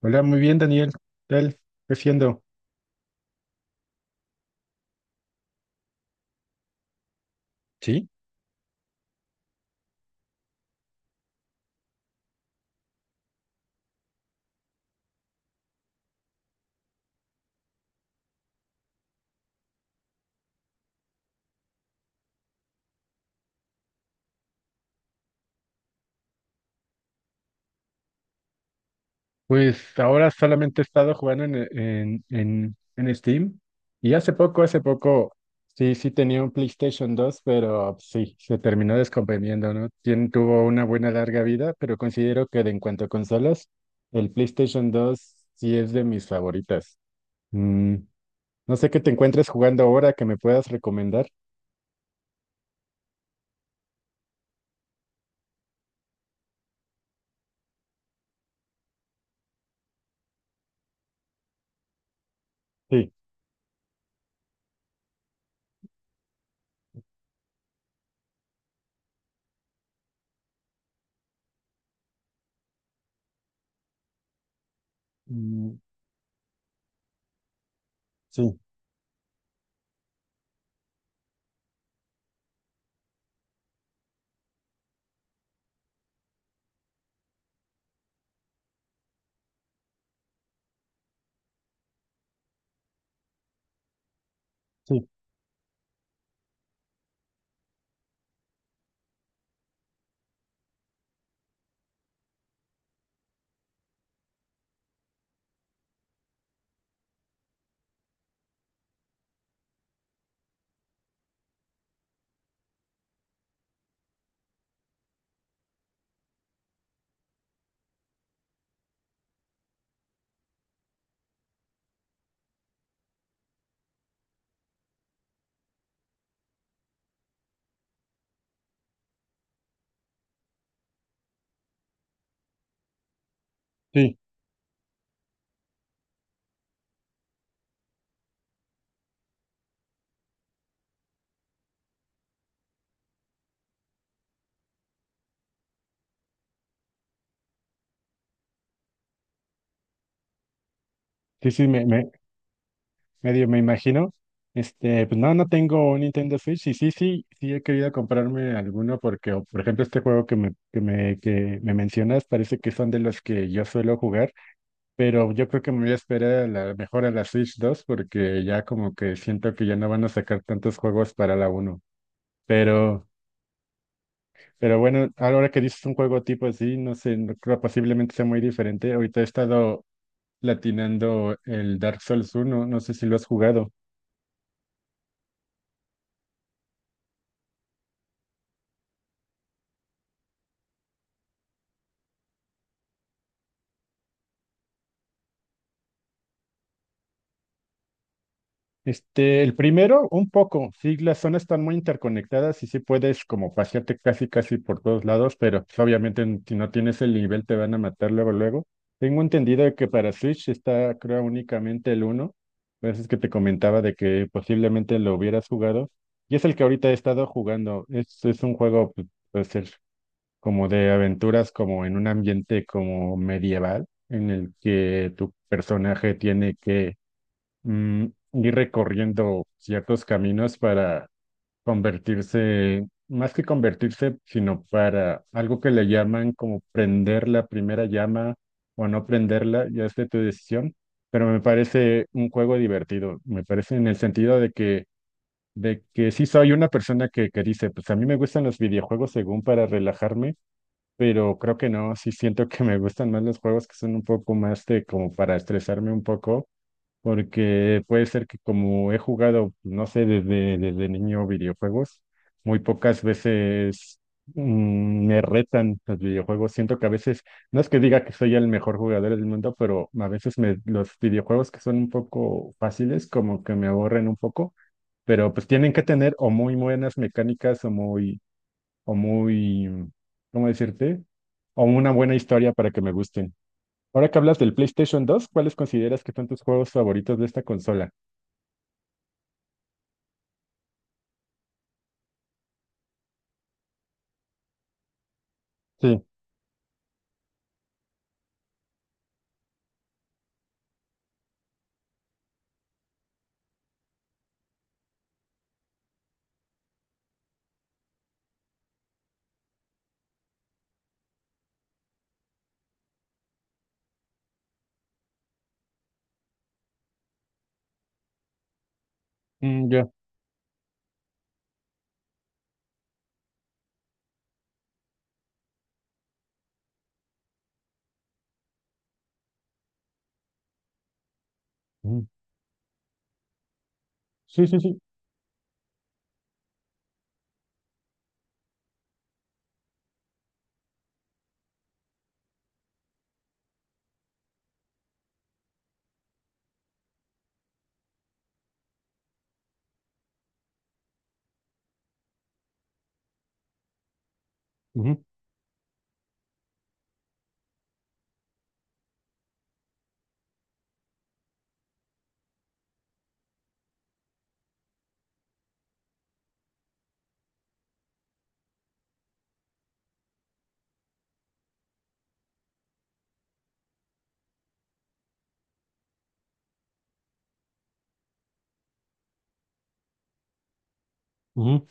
Hola, muy bien, Daniel. ¿Qué tal? ¿Qué haciendo? Sí, pues ahora solamente he estado jugando en Steam y hace poco, sí, sí tenía un PlayStation dos pero sí, se terminó descomponiendo, ¿no? Tuvo una buena larga vida, pero considero que de en cuanto a consolas, el PlayStation dos sí es de mis favoritas. Mm, no sé qué te encuentres jugando ahora que me puedas recomendar. Sí, mm, sí, sí, sí, sí, sí, medio me imagino. Pues no, no tengo un Nintendo Switch y sí, sí, sí he querido comprarme alguno porque, o, por ejemplo, este juego que me mencionas parece que son de los que yo suelo jugar, pero yo creo que me voy a esperar a la, mejor a la Switch dos porque ya como que siento que ya no van a sacar tantos juegos para la uno. Pero, pero bueno, ahora que dices un juego tipo así, no sé, no creo posiblemente sea muy diferente. Ahorita he estado latinando el Dark Souls uno, no sé si lo has jugado. El primero, un poco, sí, las zonas están muy interconectadas y sí puedes como pasearte casi casi por todos lados, pero pues, obviamente si no tienes el nivel te van a matar luego luego. Tengo entendido que para Switch está creo únicamente el uno. Por eso es que te comentaba de que posiblemente lo hubieras jugado y es el que ahorita he estado jugando. Es un juego, puede ser como de aventuras, como en un ambiente como medieval, en el que tu personaje tiene que, mm, ir recorriendo ciertos caminos para convertirse, más que convertirse, sino para algo que le llaman como prender la primera llama o no prenderla, ya es de tu decisión, pero me parece un juego divertido, me parece en el sentido de que sí soy una persona que dice, pues a mí me gustan los videojuegos según para relajarme. Pero creo que no, sí siento que me gustan más los juegos que son un poco más de como para estresarme un poco porque puede ser que como he jugado, no sé, desde niño videojuegos, muy pocas veces, me retan los videojuegos. Siento que a veces, no es que diga que soy el mejor jugador del mundo, pero a veces los videojuegos que son un poco fáciles, como que me aburren un poco, pero pues tienen que tener o muy buenas mecánicas o muy, ¿cómo decirte? O una buena historia para que me gusten. Ahora que hablas del PlayStation dos, ¿cuáles consideras que son tus juegos favoritos de esta consola? Sí, mm, ya. Ujú. Sí, sí, sí. Ujú, ujú.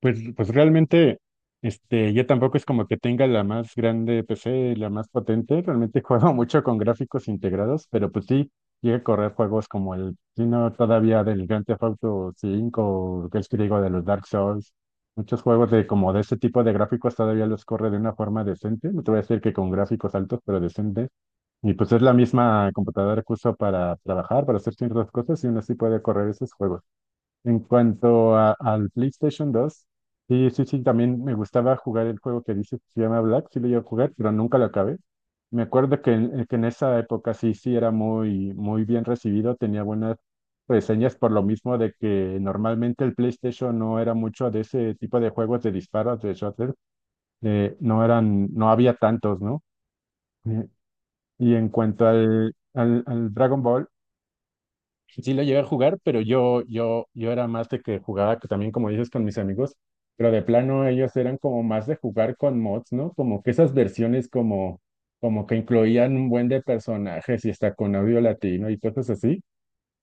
Pues realmente, este, yo tampoco es como que tenga la más grande PC, la más potente. Realmente juego mucho con gráficos integrados, pero pues sí, llega a correr juegos como el, si no todavía del Grand Theft Auto 5, o que es que digo de los Dark Souls. Muchos juegos de como de ese tipo de gráficos todavía los corre de una forma decente. No te voy a decir que con gráficos altos, pero decentes. Y pues es la misma computadora que uso para trabajar, para hacer ciertas cosas, y aún así puede correr esos juegos. En cuanto al PlayStation 2, sí, sí, sí, también me gustaba jugar el juego que dices que se llama Black, sí lo iba a jugar, pero nunca lo acabé. Me acuerdo que en esa época sí, sí era muy, muy bien recibido, tenía buenas reseñas por lo mismo de que normalmente el PlayStation no era mucho de ese tipo de juegos de disparos, de shooter, no eran, no había tantos, ¿no? Eh, y en cuanto al Dragon Ball, sí lo llegué a jugar, pero yo era más de que jugaba que también, como dices, con mis amigos, pero de plano ellos eran como más de jugar con mods, ¿no? Como que esas versiones como, como que incluían un buen de personajes y hasta con audio latino y cosas así.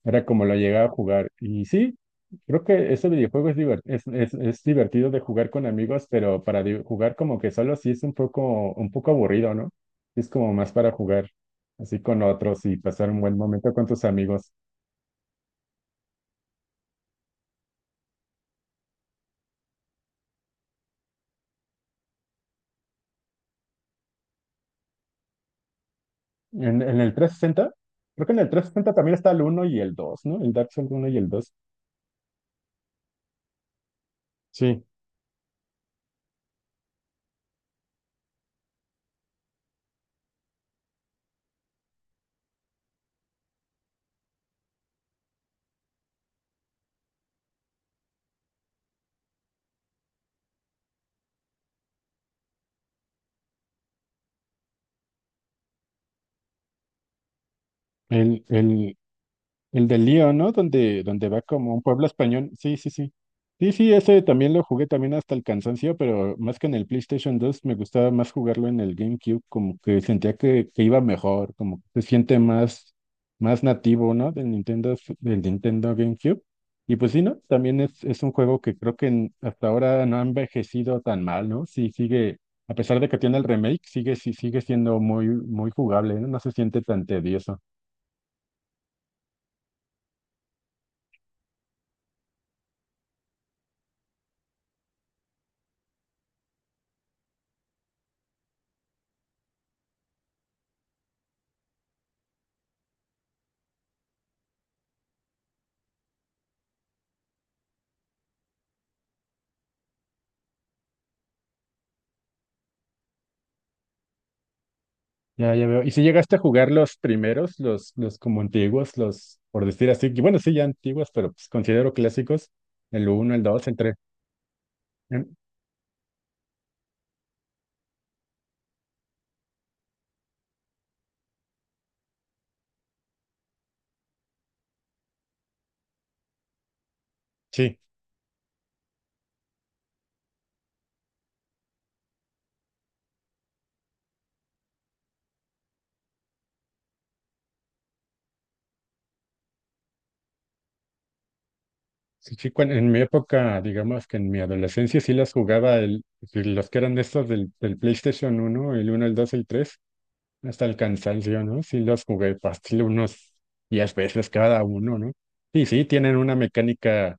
Era como lo llegaba a jugar. Y sí, creo que ese videojuego es divertido de jugar con amigos, pero para jugar como que solo sí es un poco aburrido, ¿no? Es como más para jugar así con otros y pasar un buen momento con tus amigos. En el trescientos sesenta, creo que en el 360 también está el uno y el dos, ¿no? El Dark Souls uno y el dos. Sí, el, el, el del lío, ¿no? Donde, donde va como un pueblo español. Sí, sí, sí. Sí, sí, ese también lo jugué también hasta el cansancio, pero más que en el PlayStation dos me gustaba más jugarlo en el GameCube, como que sentía que iba mejor, como que se siente más, más nativo, ¿no? Del Nintendo, del Nintendo GameCube. Y pues sí, ¿no? También es un juego que creo que hasta ahora no ha envejecido tan mal, ¿no? Sí, sigue, a pesar de que tiene el remake, sigue, sí, sigue siendo muy, muy jugable, ¿no? No se siente tan tedioso. Ya, ya veo. ¿Y si llegaste a jugar los primeros, los como antiguos, los, por decir así, que bueno, sí, ya antiguos, pero pues considero clásicos, el uno, el dos, el tres? Em, sí, sí, sí, en mi época, digamos que en mi adolescencia sí las jugaba, el, los que eran de estos del PlayStation uno, el uno, el dos, el tres, hasta el cansancio, ¿no? Sí, los jugué fácil unos 10 veces cada uno, ¿no? Y sí, tienen una mecánica,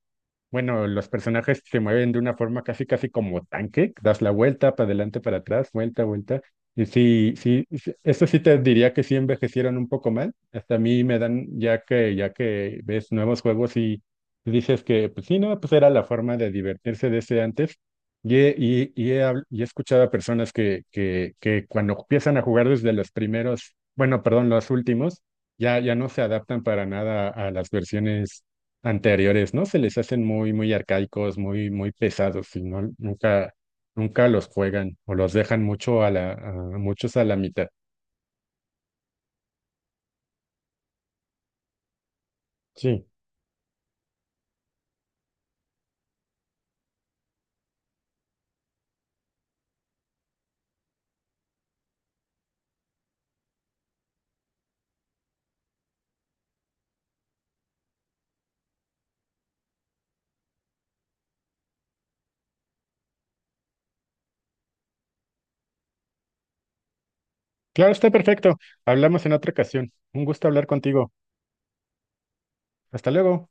bueno, los personajes se mueven de una forma casi, casi como tanque, das la vuelta para adelante, para atrás, vuelta, vuelta. Y sí, sí, sí, eso sí te diría que sí envejecieron un poco mal. Hasta a mí me dan, ya que ves nuevos juegos y dices que, pues sí, no, pues era la forma de divertirse de ese antes. Y he, y he habl- y he escuchado a personas que cuando empiezan a jugar desde los primeros, bueno, perdón, los últimos, ya, ya no se adaptan para nada a las versiones anteriores, ¿no? Se les hacen muy, muy arcaicos, muy, muy pesados, y no, nunca, nunca los juegan o los dejan mucho a muchos a la mitad. Sí. Claro, está perfecto. Hablamos en otra ocasión. Un gusto hablar contigo. Hasta luego.